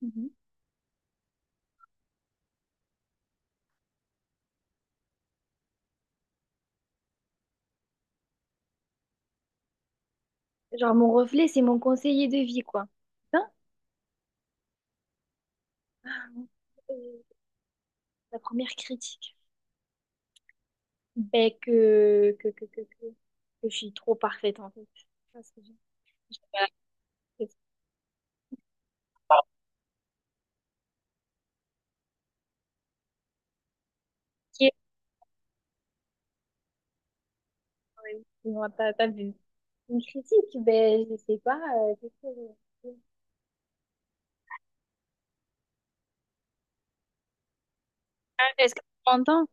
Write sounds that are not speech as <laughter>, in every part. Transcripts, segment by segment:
Mhm. Genre, mon reflet, c'est mon conseiller de vie, quoi. Hein. Euh, La première critique. Ben, que je suis trop parfaite, en fait. Parce que je sais pas critiquer, ouais. Non, t'as vu. Une critique, ben, je sais pas. Qu'est-ce que je- Ah, est-ce que tu m'entends?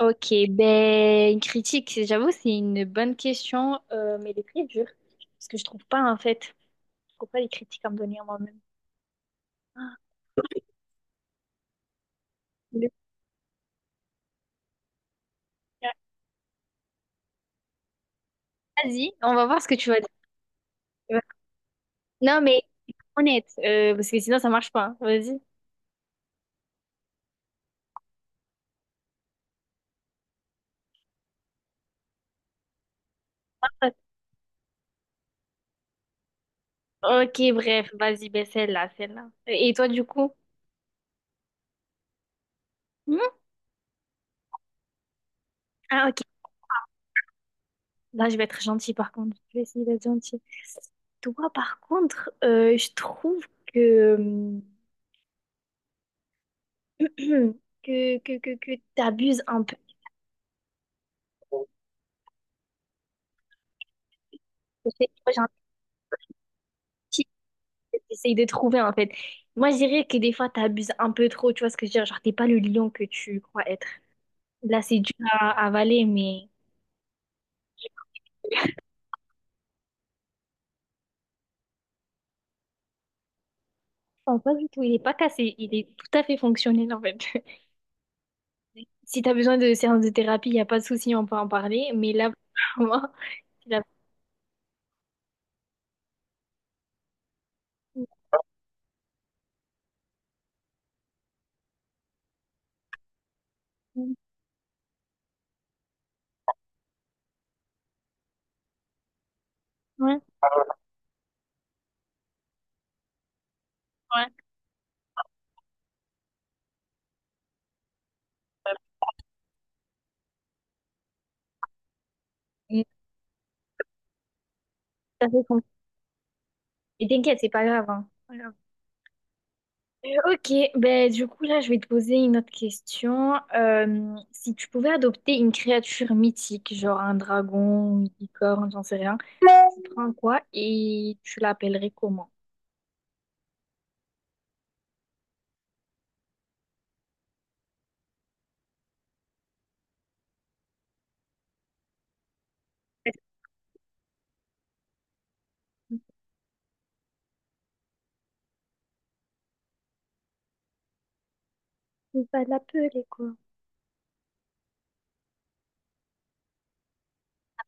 Ok, ben, une critique, j'avoue, c'est une bonne question, mais elle est très dure. Parce que je trouve pas, en fait. Je trouve pas les critiques à me donner à moi-même. Ah, le- vas-y, on va voir ce que tu vas dire. Non, mais honnête, parce que sinon ça marche pas. Vas-y. Ok, bref, vas-y, ben celle-là, celle-là. Et toi, du coup? Hmm. Ah, ok. Là, je vais être gentille, par contre. Je vais essayer d'être gentille. Toi, par contre, je trouve que, <clears throat> que t'abuses un peu. Tu sais, moi, j'ai un petit que t'essayes de trouver, en fait. Moi, je dirais que des fois, t'abuses un peu trop. Tu vois ce que je veux dire? Genre, t'es pas le lion que tu crois être. Là, c'est dur à avaler, mais... Non, pas du tout. Il est pas cassé. Il est tout à fait fonctionnel, en fait. <laughs> Si t'as besoin de séances de thérapie, il n'y a pas de souci, on peut en parler. Mais là, <laughs> pour moi, il a... Ouais, ouais. Il est tout à fait fonctionnel. Et t'inquiète, c'est pas grave, hein. Pas grave. Ok, ben du coup, là, je vais te poser une autre question. Si tu pouvais adopter une créature mythique, genre un dragon, une licorne, j'en sais rien, tu prends quoi et tu l'appellerais comment? Tu vas l'appeler quoi?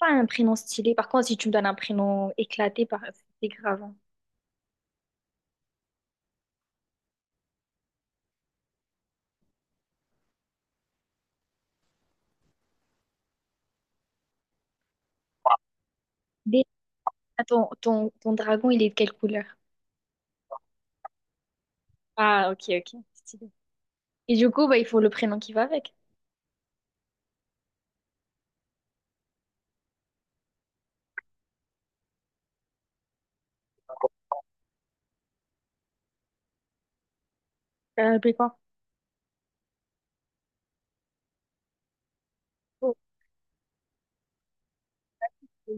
Pas un prénom stylé. Par contre, si tu me donnes un prénom éclaté, par... c'est grave, hein. Dé- Ah, ton dragon, il est de quelle couleur? Ah, ok, ok. Stylé. Et du coup, bah, il faut le prénom qui va avec. Mais quoi? Oh,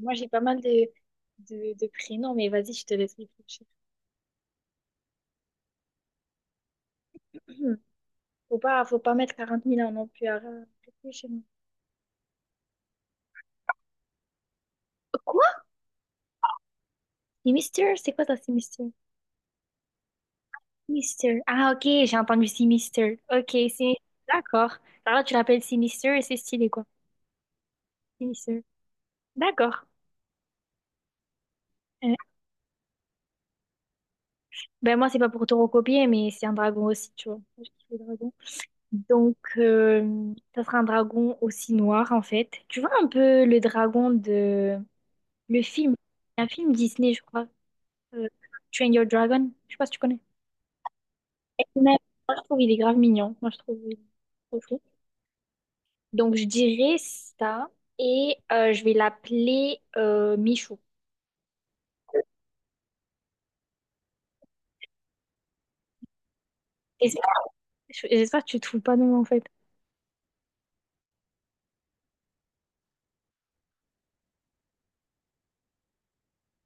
moi, j'ai pas mal de, de prénoms, mais vas-y, je te laisse réfléchir. <clears throat> Hmm. Faut pas mettre 40 000 ans non plus à réfléchir. Quoi? C'est Mister? C'est quoi ça, c'est Mister? Mister. Ah, ok, j'ai entendu c'est Mister. Ok, c'est... D'accord. Alors, là, tu l'appelles Sinister et c'est stylé, quoi. Sinister. D'accord. Ben moi, c'est pas pour te recopier, mais c'est un dragon aussi, tu vois. Je kiffe les dragons. Donc, ça sera un dragon aussi noir, en fait. Tu vois un peu le dragon de... Le film, un film Disney, je crois. Euh, Train Your Dragon. Je sais pas si tu connais. Et même, moi, je trouve il est grave mignon. Moi, je trouve il est trop chou. Donc, je dirais ça. Et je vais l'appeler Michou. J'espère que tu trouves pas non, en fait.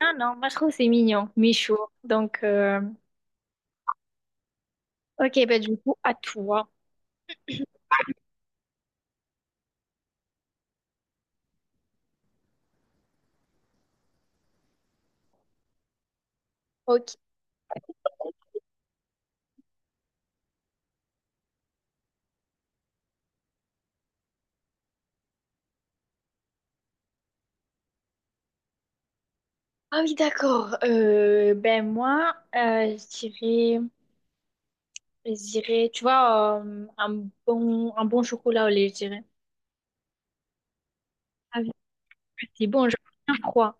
Ah non, moi, je trouve que c'est mignon. Michou. Donc... Ok, ben du coup, à toi. Ok. Ah oui, d'accord. Ben moi, je dirais, tu vois, un bon chocolat au lait, je dirais. Avec c'est bon, je bien froid.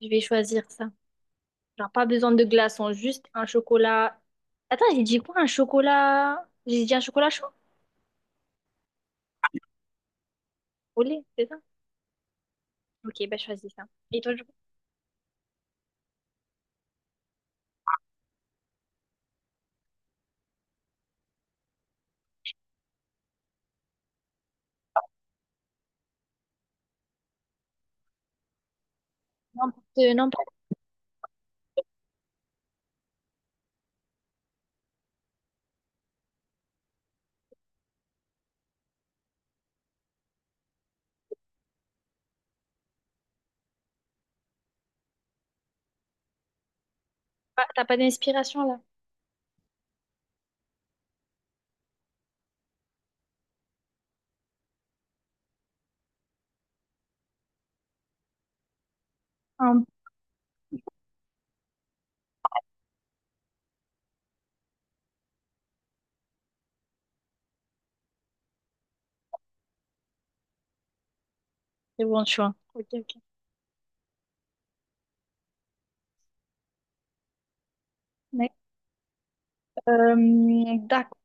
Je vais choisir ça. Genre, pas besoin de glaçons, juste un chocolat. Attends, j'ai dit quoi? Un chocolat. J'ai dit un chocolat chaud au lait, c'est ça? Ok, ben je choisis ça. Et toi, du coup, n'importe, n'importe quoi. T'as pas d'inspiration là? Ah, c'est bon choix. Ok, ok. Ouais. D'accord.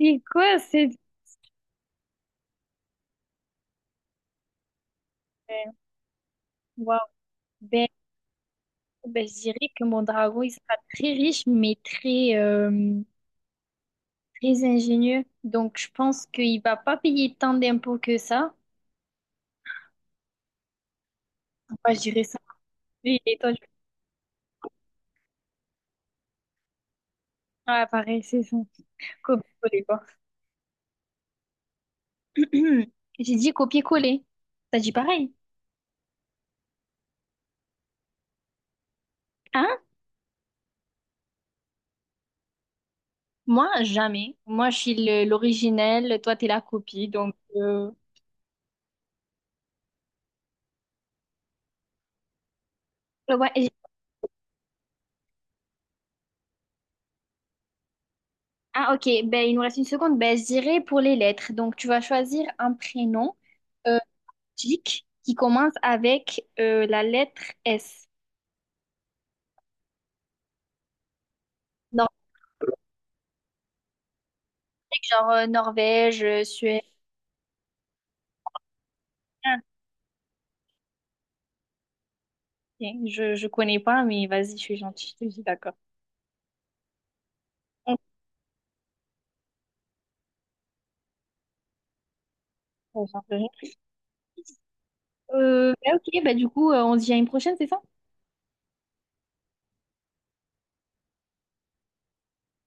C'est quoi cette... Waouh. Ben, ben, je dirais que mon dragon, il sera très riche, mais très, très ingénieux. Donc, je pense qu'il va pas payer tant d'impôts que ça. Enfin, je dirais ça. Lui, il est en à pareil, c'est ça. Copier-coller, quoi. <clears throat> J'ai dit copier-coller. T'as dit pareil. Hein? Moi, jamais. Moi, je suis l'originel. Toi, t'es la copie. Donc, ouais. et- Ah, ok. Ben, il nous reste une seconde. Ben, je dirais pour les lettres. Donc, tu vas choisir un prénom. euh, Nordiques qui commencent avec la lettre S. Donc, genre Norvège, Suède. Ah, ok, je connais pas, mais vas-y, je suis gentille, je te dis d'accord. Ok, j'en sais bah, ok, bah du coup, on se dit à une prochaine, c'est ça?